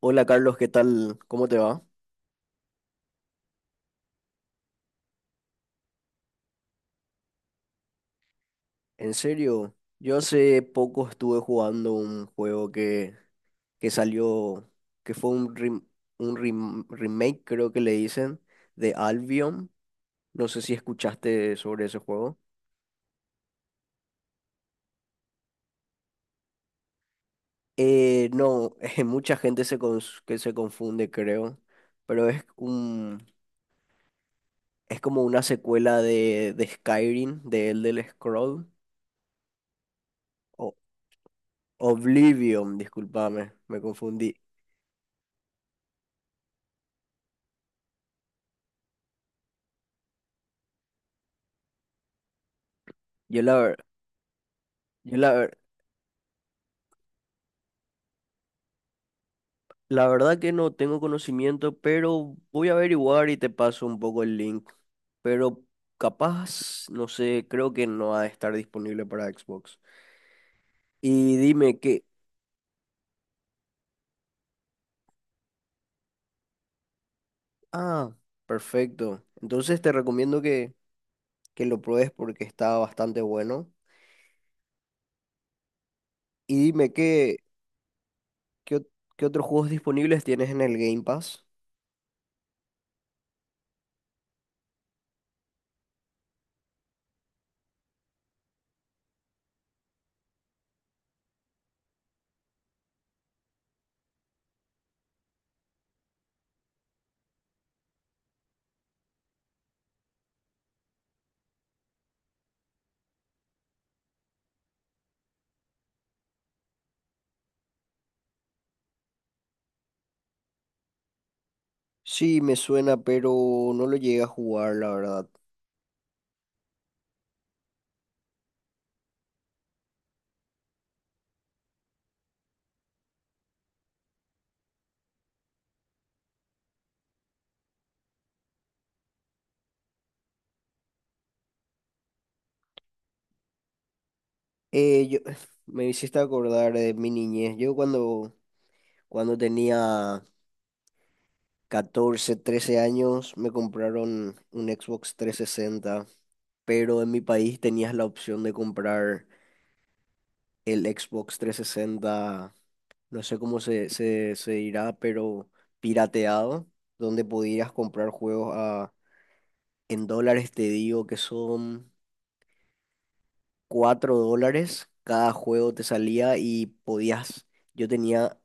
Hola Carlos, ¿qué tal? ¿Cómo te va? En serio, yo hace poco estuve jugando un juego que salió, que fue un remake, creo que le dicen, de Albion. No sé si escuchaste sobre ese juego. No, mucha gente que se confunde, creo, pero es como una secuela de Skyrim, de Elder Scroll, o Oblivion, discúlpame, me confundí. Yo la verdad. Yo la, ver- La verdad que no tengo conocimiento, pero voy a averiguar y te paso un poco el link. Pero capaz, no sé, creo que no ha de estar disponible para Xbox. Y dime que... Ah, perfecto. Entonces te recomiendo que lo pruebes porque está bastante bueno. Y dime qué, ot- qué otros juegos disponibles tienes en el Game Pass. Sí, me suena, pero no lo llegué a jugar, la verdad. Eh, yo, Me hiciste acordar de mi niñez. Yo cuando Cuando tenía 14, 13 años, me compraron un Xbox 360. Pero en mi país tenías la opción de comprar el Xbox 360. No sé cómo se dirá, pero pirateado, donde podías comprar juegos en dólares, te digo que son $4 cada juego te salía, y podías, yo tenía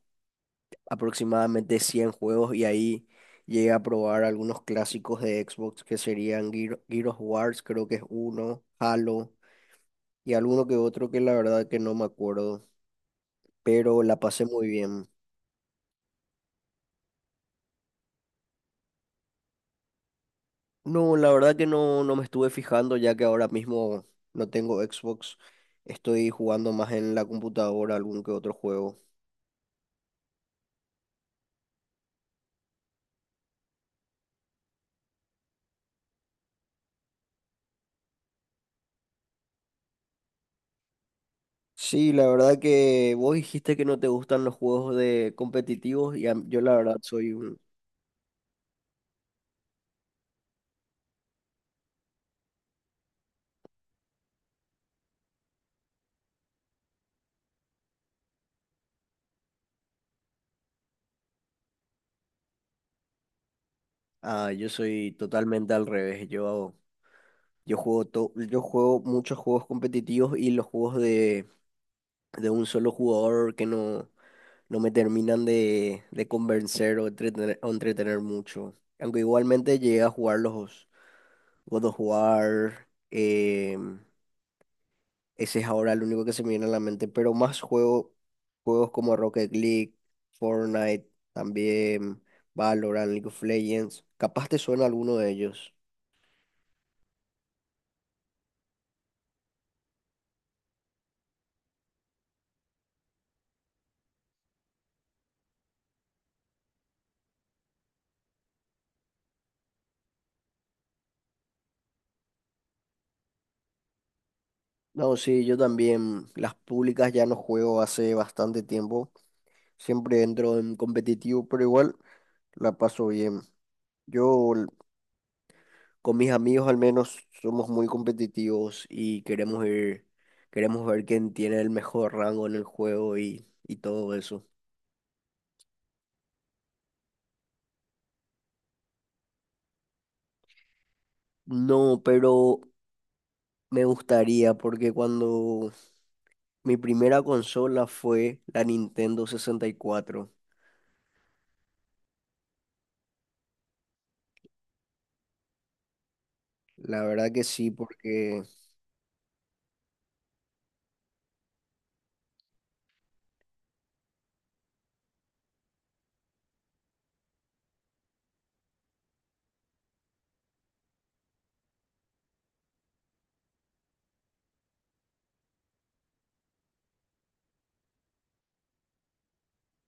aproximadamente 100 juegos, y ahí llegué a probar algunos clásicos de Xbox que serían Gears of Wars, creo que es uno, Halo y alguno que otro que la verdad que no me acuerdo, pero la pasé muy bien. No, la verdad que no, no me estuve fijando ya que ahora mismo no tengo Xbox, estoy jugando más en la computadora algún que otro juego. Sí, la verdad que vos dijiste que no te gustan los juegos de competitivos y yo la verdad soy un. Ah, yo soy totalmente al revés. Yo juego muchos juegos competitivos, y los juegos de, un solo jugador que no me terminan de, convencer o entretener mucho. Aunque igualmente llegué a jugar los God of War. Ese es ahora el único que se me viene a la mente. Pero más juegos como Rocket League, Fortnite, también Valorant, League of Legends. Capaz te suena alguno de ellos. No, sí, yo también. Las públicas ya no juego hace bastante tiempo. Siempre entro en competitivo, pero igual la paso bien. Yo l- con mis amigos al menos somos muy competitivos y queremos ver quién tiene el mejor rango en el juego y todo eso. No, pero me gustaría porque cuando mi primera consola fue la Nintendo 64. La verdad que sí, porque.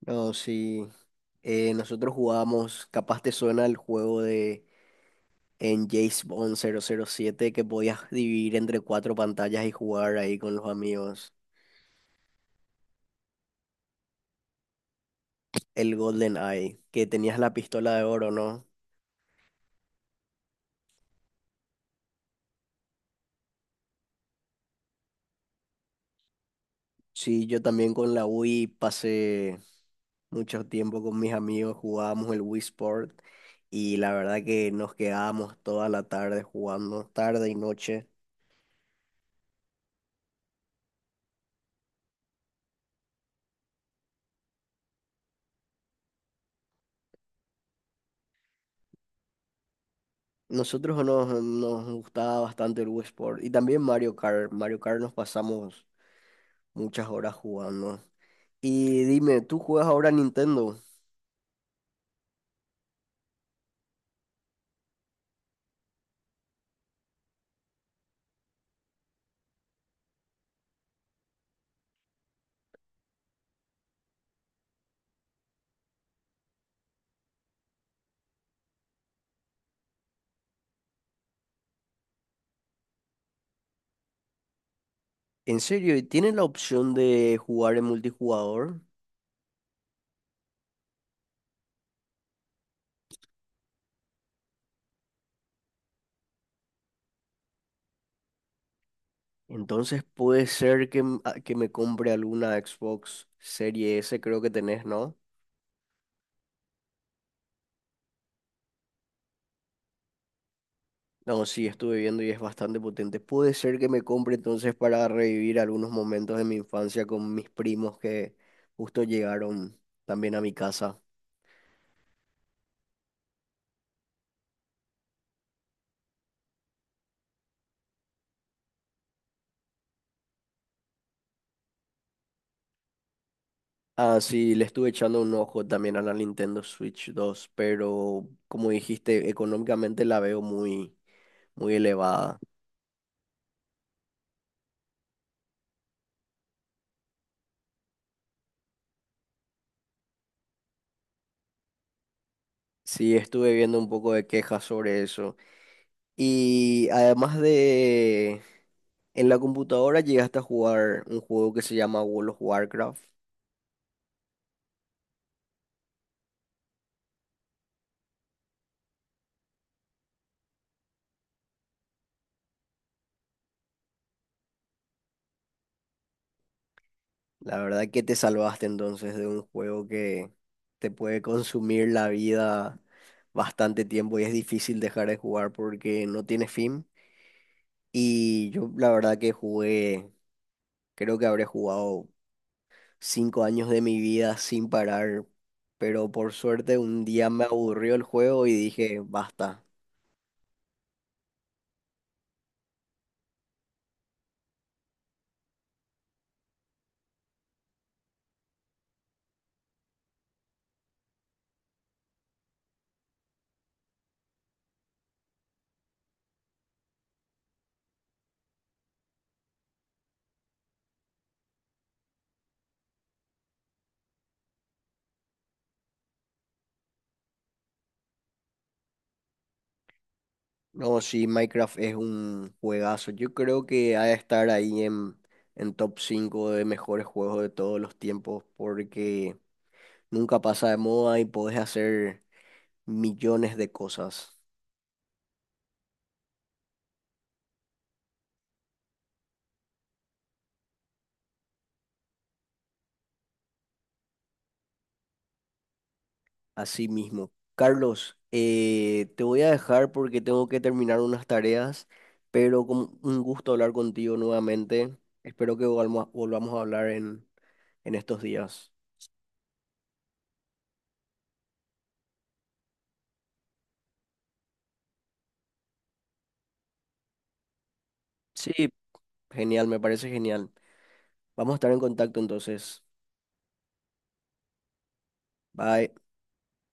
No, sí. Nosotros jugábamos, capaz te suena el juego de en James Bond 007 que podías dividir entre cuatro pantallas y jugar ahí con los amigos. El Golden Eye, que tenías la pistola de oro, ¿no? Sí, yo también con la Wii pasé mucho tiempo con mis amigos, jugábamos el Wii Sport y la verdad que nos quedábamos toda la tarde jugando, tarde y noche. Nosotros nos gustaba bastante el Wii Sport y también Mario Kart. Mario Kart nos pasamos muchas horas jugando. Y dime, ¿tú juegas ahora a Nintendo? ¿En serio? ¿Y tienes la opción de jugar en multijugador? Entonces puede ser que me compre alguna Xbox Serie S, creo que tenés, ¿no? No, sí, estuve viendo y es bastante potente. Puede ser que me compre entonces para revivir algunos momentos de mi infancia con mis primos que justo llegaron también a mi casa. Ah, sí, le estuve echando un ojo también a la Nintendo Switch 2, pero como dijiste, económicamente la veo muy, muy elevada. Sí, estuve viendo un poco de quejas sobre eso. Y además de en la computadora llegaste a jugar un juego que se llama World of Warcraft. La verdad que te salvaste entonces de un juego que te puede consumir la vida bastante tiempo y es difícil dejar de jugar porque no tiene fin. Y yo la verdad que jugué Creo que habré jugado 5 años de mi vida sin parar, pero por suerte un día me aburrió el juego y dije, basta. No, sí, Minecraft es un juegazo. Yo creo que ha de estar ahí en, top 5 de mejores juegos de todos los tiempos porque nunca pasa de moda y podés hacer millones de cosas. Así mismo. Carlos, te voy a dejar porque tengo que terminar unas tareas, pero con un gusto hablar contigo nuevamente. Espero que volvamos a hablar en, estos días. Sí, genial, me parece genial. Vamos a estar en contacto entonces. Bye.